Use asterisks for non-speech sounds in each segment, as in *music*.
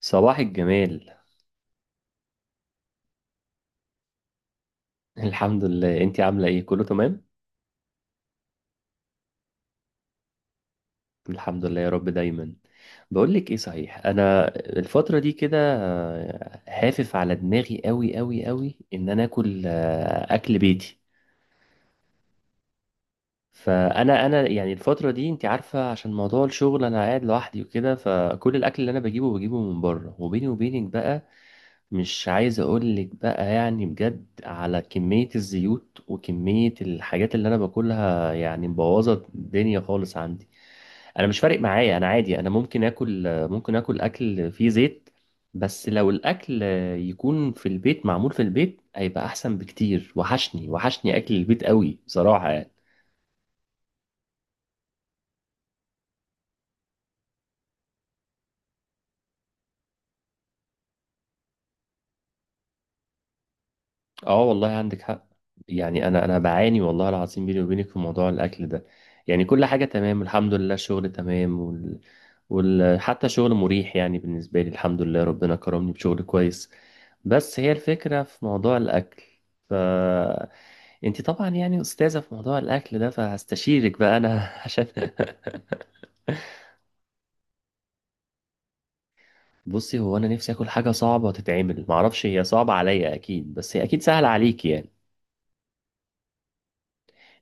صباح الجمال. الحمد لله، انتي عاملة ايه؟ كله تمام؟ الحمد لله يا رب دايما. بقولك ايه، صحيح، انا الفترة دي كده هافف على دماغي قوي قوي قوي ان انا اكل اكل بيتي. فانا يعني الفترة دي انتي عارفة، عشان موضوع الشغل انا قاعد لوحدي وكده، فكل الاكل اللي انا بجيبه من بره. وبيني وبينك بقى، مش عايز اقولك بقى يعني بجد على كمية الزيوت وكمية الحاجات اللي انا باكلها، يعني مبوظة الدنيا خالص عندي. انا مش فارق معايا، انا عادي، انا ممكن اكل اكل فيه زيت. بس لو الاكل يكون في البيت، معمول في البيت، هيبقى احسن بكتير. وحشني وحشني اكل البيت قوي بصراحة يعني. اه والله عندك حق. يعني انا بعاني والله العظيم بيني وبينك في موضوع الاكل ده. يعني كل حاجه تمام الحمد لله، الشغل تمام، حتى شغل مريح يعني بالنسبه لي، الحمد لله ربنا كرمني بشغل كويس. بس هي الفكره في موضوع الاكل. ف انت طبعا يعني استاذه في موضوع الاكل ده، فهستشيرك بقى انا *laughs* عشان. بصي، هو انا نفسي اكل حاجه صعبه تتعمل، معرفش هي صعبه عليا اكيد، بس هي اكيد سهله عليكي يعني.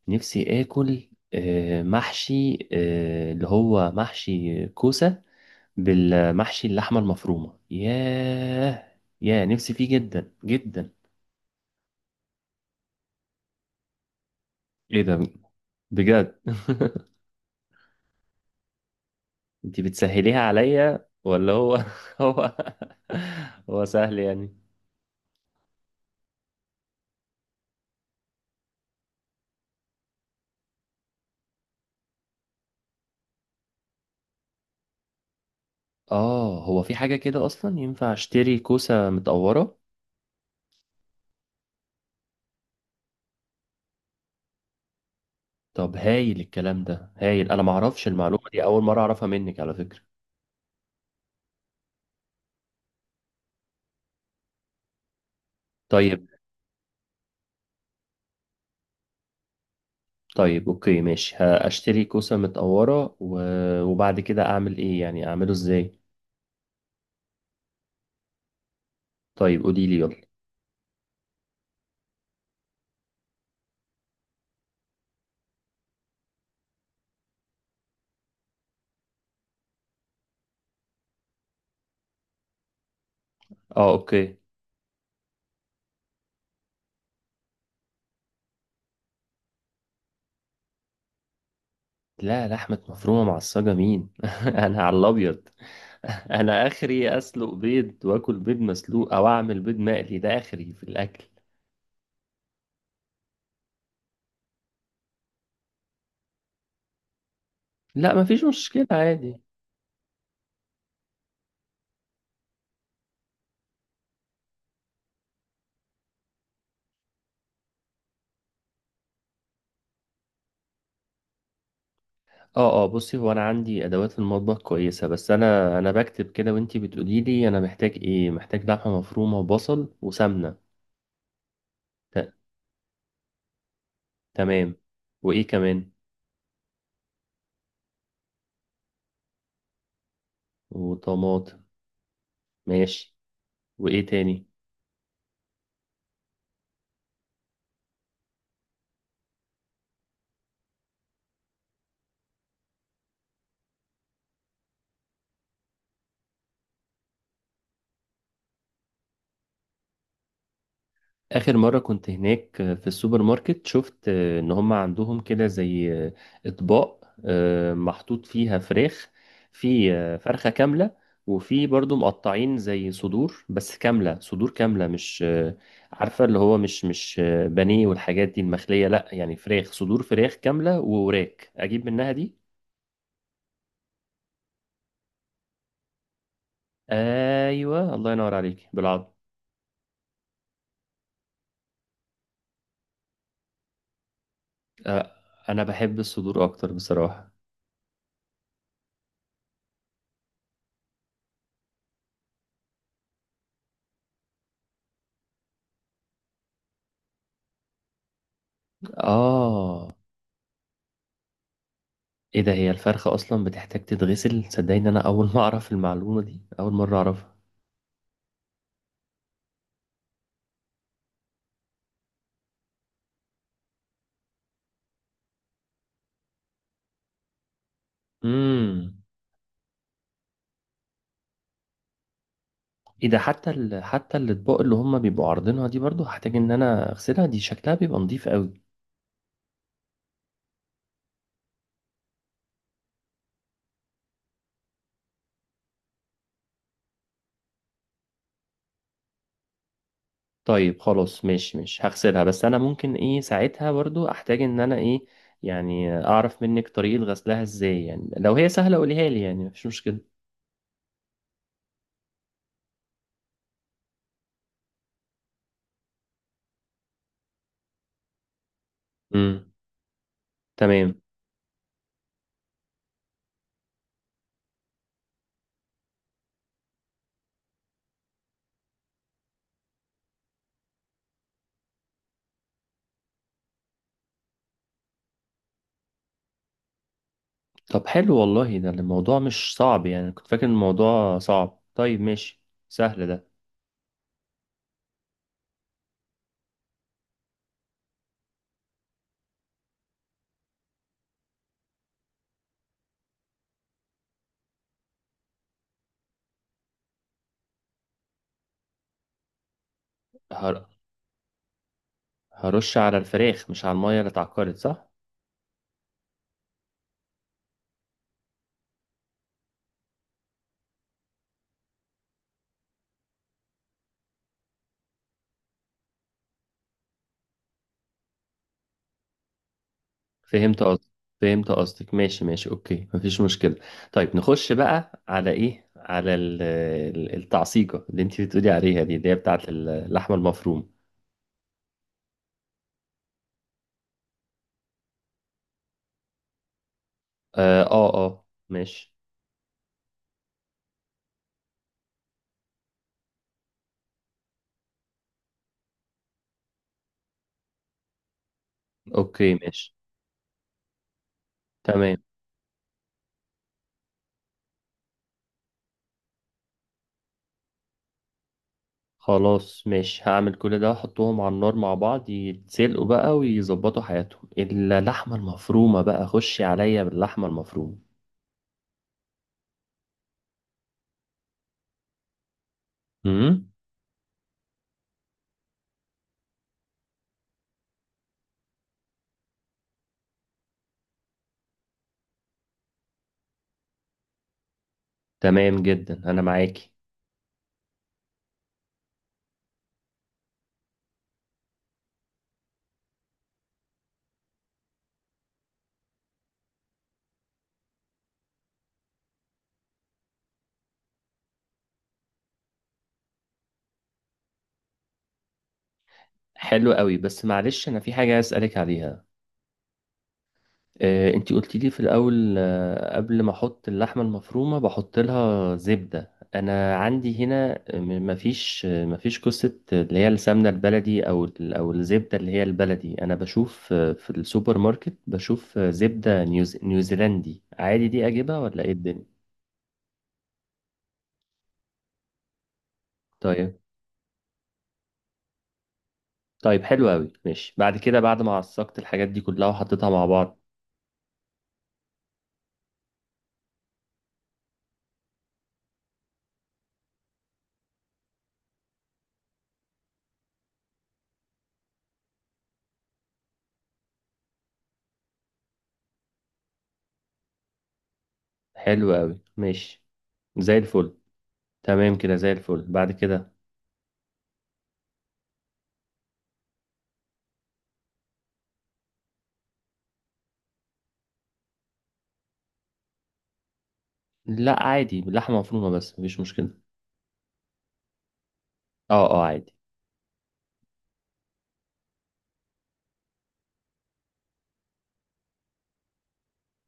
نفسي آكل محشي، اللي هو محشي كوسة. بالمحشي اللحمة المفرومة. ياه ياه، نفسي فيه جدا جدا. ايه ده، بجد *laughs* انت بتسهليها عليا ولا هو *laughs* هو هو سهل يعني؟ اه هو في حاجة كده اصلا ينفع اشتري كوسة متقورة؟ طب هايل، الكلام ده هايل، انا معرفش المعلومة دي، اول مرة اعرفها منك على فكرة. طيب، طيب اوكي ماشي، هشتري كوسة متقورة وبعد كده اعمل ايه يعني، اعمله ازاي؟ طيب قولي لي يلا. اه اوكي. لا، لحمة مفرومة معصجة مين *laughs* انا على الابيض. *laughs* انا اخري اسلق بيض واكل بيض مسلوق، او اعمل بيض مقلي، ده اخري في الاكل. لا مفيش مشكلة عادي. اه اه، بصي هو انا عندي ادوات المطبخ كويسة، بس انا بكتب كده وانتي بتقولي لي انا محتاج ايه، محتاج لحمة مفرومة وبصل وسمنة. ت- تمام، وايه كمان؟ وطماطم، ماشي، وايه تاني؟ اخر مرة كنت هناك في السوبر ماركت، شفت ان هم عندهم كده زي اطباق محطوط فيها فراخ. في فرخة كاملة، وفي برضو مقطعين زي صدور، بس كاملة، صدور كاملة مش، عارفة، اللي هو مش بانيه والحاجات دي المخلية، لا، يعني فراخ صدور، فراخ كاملة ووراك اجيب منها دي. ايوه الله ينور عليك بالعض. آه، انا بحب الصدور اكتر بصراحة. آه. إيه ده، هي الفرخة أصلا بتحتاج تتغسل؟ صدقني أنا أول *laughs* ما أعرف المعلومة دي، أول مرة أعرفها. امم. إيه ده، حتى حتى الأطباق اللي هما بيبقوا عارضينها دي برضو هحتاج إن أنا أغسلها؟ دي شكلها بيبقى نضيف قوي. طيب خلاص ماشي ماشي، هغسلها، بس أنا ممكن إيه ساعتها برضو أحتاج إن أنا إيه، يعني أعرف منك طريقة غسلها إزاي، يعني لو هي سهلة قوليها لي، يعني مفيش مشكلة. امم. تمام. طب حلو والله، ده الموضوع مش صعب، يعني كنت فاكر إن الموضوع صعب. طيب ماشي، سهل ده. هر... هرش على الفراخ مش على المية اللي اتعكرت، صح؟ فهمت قصدك. فهمت قصدك، ماشي ماشي اوكي، مفيش مشكلة. طيب نخش بقى على ايه، على التعصيجة اللي انت بتقولي عليها دي، اللي هي بتاعت اللحمة المفروم. اه اه، ماشي. اوكي ماشي. تمام. خلاص ماشي، هعمل كل ده، احطهم على النار مع بعض يتسلقوا بقى ويظبطوا حياتهم، الا اللحمه المفرومه بقى، خشي عليا باللحمه المفرومه. امم. تمام جدا انا معاكي. حلو قوي، بس معلش انا في حاجه عايز اسالك عليها. انتي قلت لي في الاول، قبل ما احط اللحمه المفرومه بحط لها زبده، انا عندي هنا مفيش قصه اللي هي السمنه البلدي او او الزبده اللي هي البلدي، انا بشوف في السوبر ماركت بشوف زبده نيوزيلندي عادي، دي اجيبها ولا ايه الدنيا؟ طيب. طيب حلو قوي ماشي، بعد كده بعد ما عصقت الحاجات دي كلها وحطيتها مع بعض. حلو قوي ماشي، زي الفل. تمام كده، زي الفل، بعد كده. لا عادي، لحمه مفرومه بس، مفيش مشكله. اه اه عادي.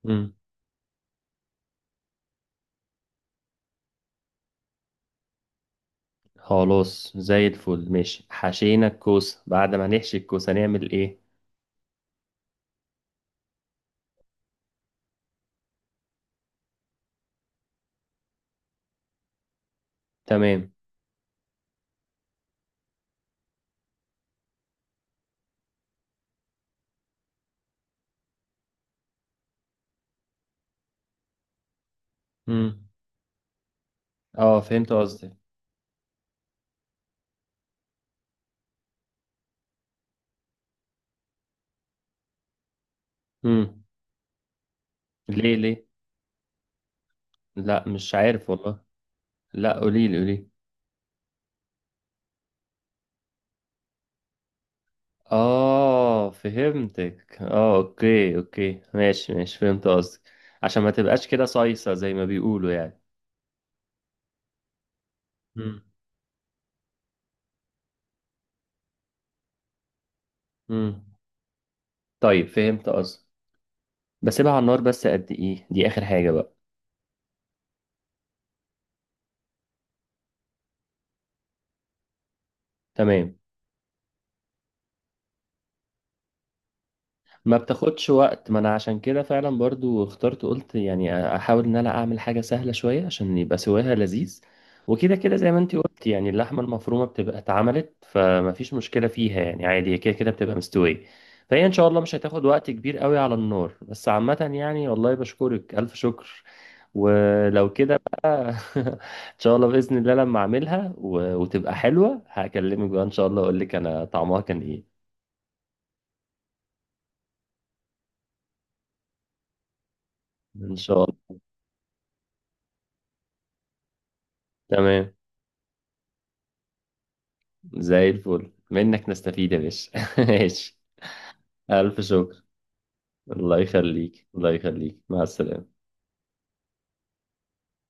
مم. خلاص زي الفل ماشي، حشينا الكوسة، بعد ما نحشي الكوسة نعمل ايه؟ تمام. مم. اه فهمت قصدك. مم. ليه ليه؟ لا مش عارف والله. لا قوليلي قوليلي. اه فهمتك، اه اوكي اوكي ماشي ماشي، فهمت قصدك. عشان ما تبقاش كده صيصة زي ما بيقولوا يعني. مم. مم. طيب فهمت قصدك. بسيبها على النار بس قد ايه، دي اخر حاجة بقى؟ تمام. ما بتاخدش وقت، ما انا عشان كده فعلا برضو اخترت، قلت يعني احاول ان انا اعمل حاجة سهلة شوية عشان يبقى سواها لذيذ. وكده كده زي ما انتي قلت يعني، اللحمة المفرومة بتبقى اتعملت، فما فيش مشكلة فيها يعني، عادي هي كده كده بتبقى مستوية. فهي ان شاء الله مش هتاخد وقت كبير قوي على النار. بس عامة يعني، والله بشكرك الف شكر. ولو كده بقى. *laughs* ان شاء الله بإذن الله لما اعملها وتبقى حلوة، هكلمك بقى ان شاء الله، اقول لك انا طعمها كان ايه. ان شاء الله. تمام زي الفل، منك نستفيد يا باشا *laughs* ماشي. ألف شكر. الله يخليك الله يخليك، مع السلامة.